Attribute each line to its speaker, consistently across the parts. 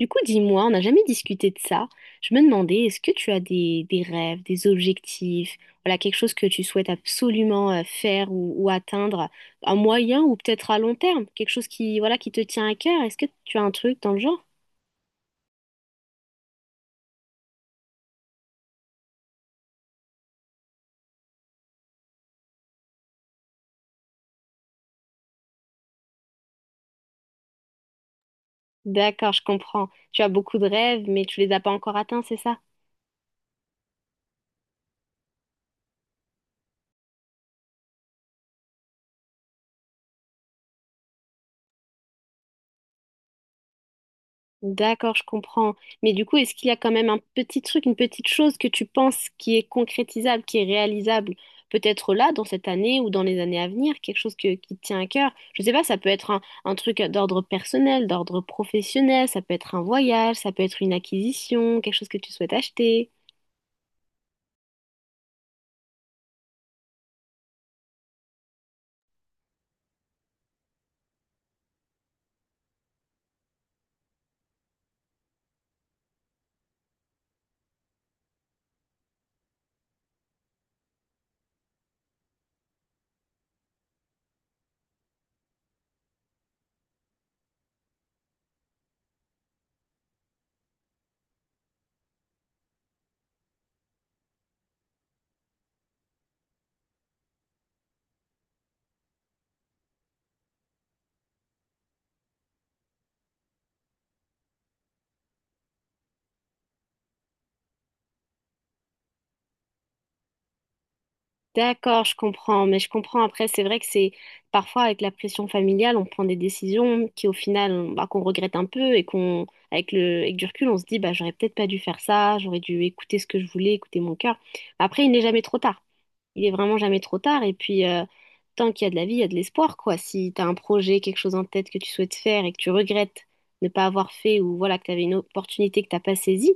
Speaker 1: Du coup, dis-moi, on n'a jamais discuté de ça. Je me demandais, est-ce que tu as des rêves, des objectifs, voilà, quelque chose que tu souhaites absolument faire ou atteindre à moyen ou peut-être à long terme, quelque chose qui, voilà, qui te tient à cœur. Est-ce que tu as un truc dans le genre? D'accord, je comprends. Tu as beaucoup de rêves, mais tu les as pas encore atteints, c'est ça? D'accord, je comprends. Mais du coup, est-ce qu'il y a quand même un petit truc, une petite chose que tu penses qui est concrétisable, qui est réalisable, peut-être là, dans cette année ou dans les années à venir, qui te tient à cœur? Je sais pas, ça peut être un truc d'ordre personnel, d'ordre professionnel, ça peut être un voyage, ça peut être une acquisition, quelque chose que tu souhaites acheter. D'accord, je comprends, mais je comprends après, c'est vrai que c'est parfois avec la pression familiale, on prend des décisions qui au final, bah, qu'on regrette un peu et qu'on, avec avec du recul, on se dit, bah, j'aurais peut-être pas dû faire ça, j'aurais dû écouter ce que je voulais, écouter mon cœur. Après, il n'est jamais trop tard. Il est vraiment jamais trop tard. Et puis, tant qu'il y a de la vie, il y a de l'espoir, quoi. Si tu as un projet, quelque chose en tête que tu souhaites faire et que tu regrettes ne pas avoir fait ou voilà, que tu avais une opportunité que t'as pas saisie,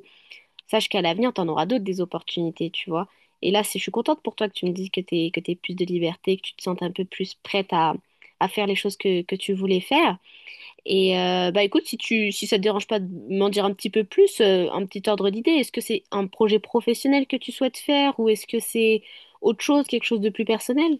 Speaker 1: sache qu'à l'avenir, tu en auras d'autres des opportunités, tu vois. Et là, je suis contente pour toi que tu me dises que t'es plus de liberté, que tu te sentes un peu plus prête à faire les choses que tu voulais faire. Et bah écoute, si ça te dérange pas de m'en dire un petit peu plus, un petit ordre d'idée, est-ce que c'est un projet professionnel que tu souhaites faire ou est-ce que c'est autre chose, quelque chose de plus personnel?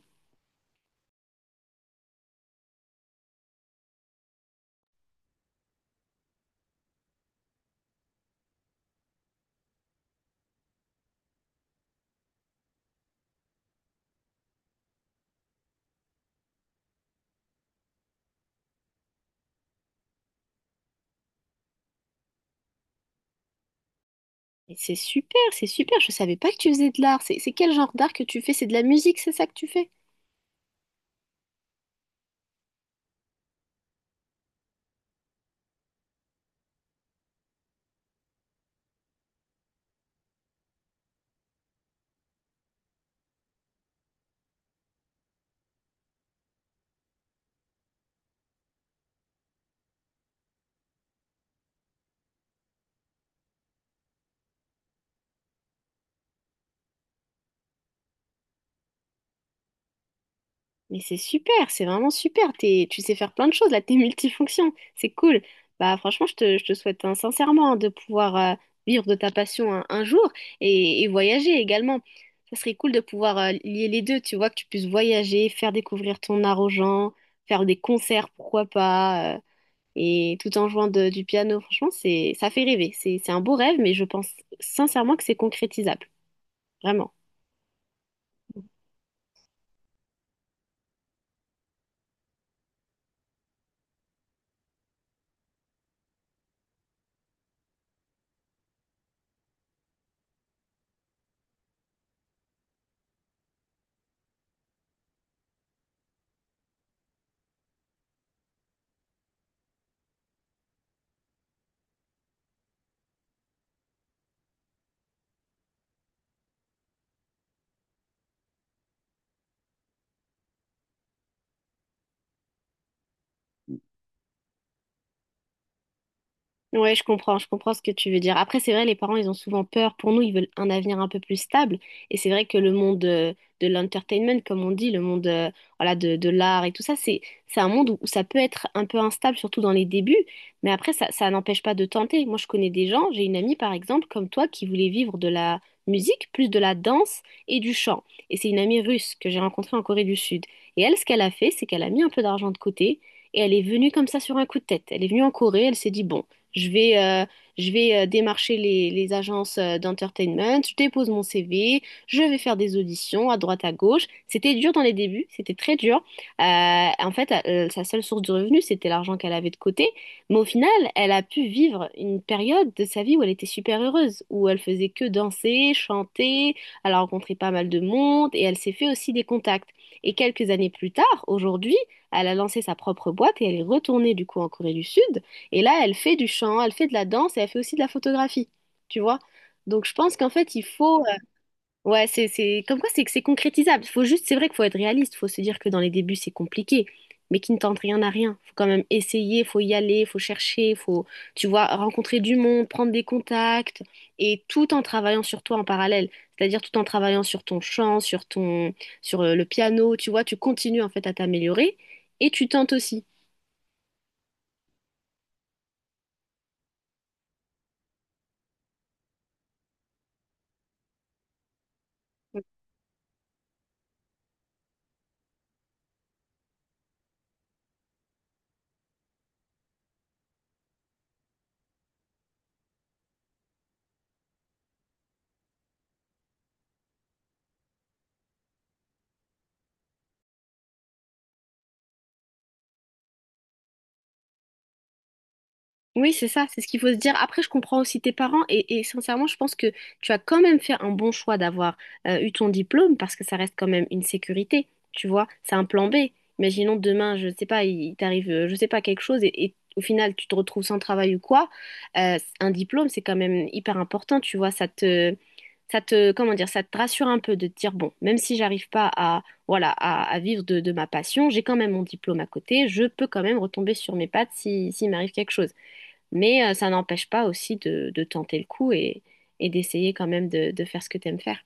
Speaker 1: Mais c'est super, c'est super, je savais pas que tu faisais de l'art. C'est quel genre d'art que tu fais? C'est de la musique, c'est ça que tu fais? Mais c'est super, c'est vraiment super. T'es, tu sais faire plein de choses, là, t'es multifonction. C'est cool. Bah, franchement, je te souhaite hein, sincèrement de pouvoir vivre de ta passion un jour et voyager également. Ça serait cool de pouvoir lier les deux, tu vois, que tu puisses voyager, faire découvrir ton art aux gens, faire des concerts, pourquoi pas, et tout en du piano. Franchement, c'est, ça fait rêver. C'est un beau rêve, mais je pense sincèrement que c'est concrétisable. Vraiment. Ouais, je comprends ce que tu veux dire. Après, c'est vrai, les parents, ils ont souvent peur. Pour nous, ils veulent un avenir un peu plus stable. Et c'est vrai que le monde de l'entertainment, comme on dit, le monde voilà, de l'art et tout ça, c'est un monde où ça peut être un peu instable, surtout dans les débuts. Mais après, ça n'empêche pas de tenter. Moi, je connais des gens, j'ai une amie, par exemple, comme toi, qui voulait vivre de la musique, plus de la danse et du chant. Et c'est une amie russe que j'ai rencontrée en Corée du Sud. Et elle, ce qu'elle a fait, c'est qu'elle a mis un peu d'argent de côté. Et elle est venue comme ça sur un coup de tête. Elle est venue en Corée, elle s'est dit, bon. Je vais, euh, je vais démarcher les agences d'entertainment, je dépose mon CV, je vais faire des auditions à droite à gauche. C'était dur dans les débuts, c'était très dur. Euh, en fait, sa seule source de revenus, c'était l'argent qu'elle avait de côté. Mais au final, elle a pu vivre une période de sa vie où elle était super heureuse, où elle faisait que danser, chanter, elle a rencontré pas mal de monde et elle s'est fait aussi des contacts. Et quelques années plus tard, aujourd'hui, elle a lancé sa propre boîte et elle est retournée du coup en Corée du Sud. Et là, elle fait du chant, elle fait de la danse et elle fait aussi de la photographie, tu vois. Donc je pense qu'en fait, ouais, c'est... Comme quoi, c'est que c'est concrétisable. Faut juste... C'est vrai qu'il faut être réaliste. Faut se dire que dans les débuts, c'est compliqué. Mais qui ne tente rien n'a rien. Faut quand même essayer, faut y aller, faut chercher, faut, tu vois, rencontrer du monde, prendre des contacts. Et tout en travaillant sur toi en parallèle. C'est-à-dire tout en travaillant sur ton chant, sur ton... sur le piano, tu vois. Tu continues en fait à t'améliorer. Et tu tentes aussi. Oui, c'est ça, c'est ce qu'il faut se dire. Après, je comprends aussi tes parents et sincèrement, je pense que tu as quand même fait un bon choix d'avoir eu ton diplôme parce que ça reste quand même une sécurité, tu vois, c'est un plan B. Imaginons demain, je sais pas, il t'arrive, je sais pas, quelque chose et au final, tu te retrouves sans travail ou quoi. Un diplôme, c'est quand même hyper important, tu vois, comment dire, ça te rassure un peu de te dire, bon, même si j'arrive pas à, voilà, à vivre de ma passion, j'ai quand même mon diplôme à côté, je peux quand même retomber sur mes pattes si, s'il m'arrive quelque chose. Mais ça n'empêche pas aussi de tenter le coup et d'essayer quand même de faire ce que tu aimes faire.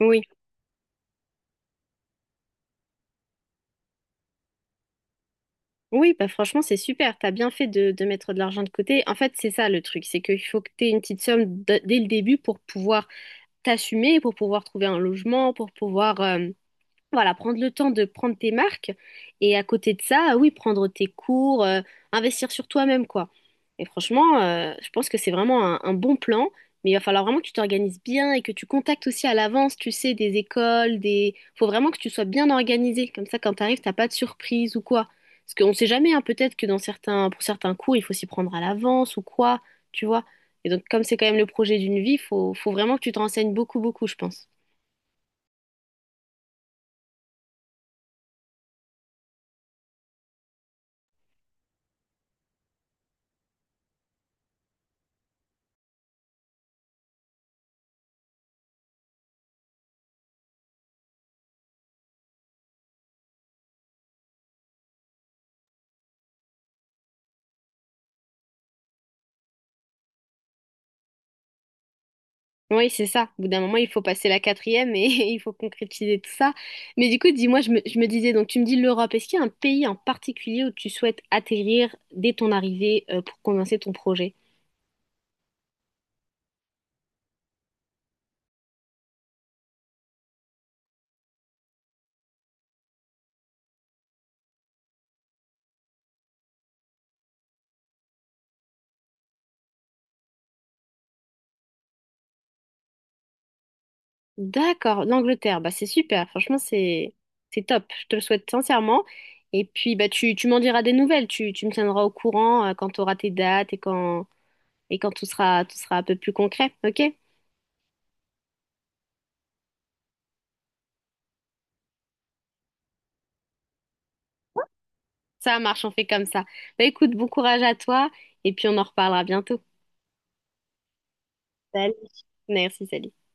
Speaker 1: Oui, oui, bah franchement, c'est super. T'as bien fait de mettre de l'argent de côté. En fait, c'est ça le truc, c'est qu'il faut que t'aies une petite somme dès le début pour pouvoir t'assumer, pour pouvoir trouver un logement, pour pouvoir voilà, prendre le temps de prendre tes marques et à côté de ça, oui, prendre tes cours, investir sur toi-même, quoi. Et franchement, je pense que c'est vraiment un bon plan, mais il va falloir vraiment que tu t'organises bien et que tu contactes aussi à l'avance, tu sais, des écoles, des... Faut vraiment que tu sois bien organisé, comme ça, quand t'arrives, t'as pas de surprise ou quoi. Parce qu'on sait jamais, hein, peut-être que dans certains, pour certains cours, il faut s'y prendre à l'avance ou quoi, tu vois. Et donc, comme c'est quand même le projet d'une vie, faut, faut vraiment que tu te renseignes beaucoup, beaucoup, je pense. Oui, c'est ça. Au bout d'un moment, il faut passer la quatrième et il faut concrétiser tout ça. Mais du coup, dis-moi, je me disais, donc tu me dis l'Europe, est-ce qu'il y a un pays en particulier où tu souhaites atterrir dès ton arrivée pour commencer ton projet? D'accord, l'Angleterre, bah c'est super, franchement, c'est top, je te le souhaite sincèrement. Et puis, bah tu m'en diras des nouvelles, tu me tiendras au courant quand tu auras tes dates et quand tout sera un peu plus concret, ok? Ça marche, on fait comme ça. Bah écoute, bon courage à toi et puis on en reparlera bientôt. Salut. Merci, salut.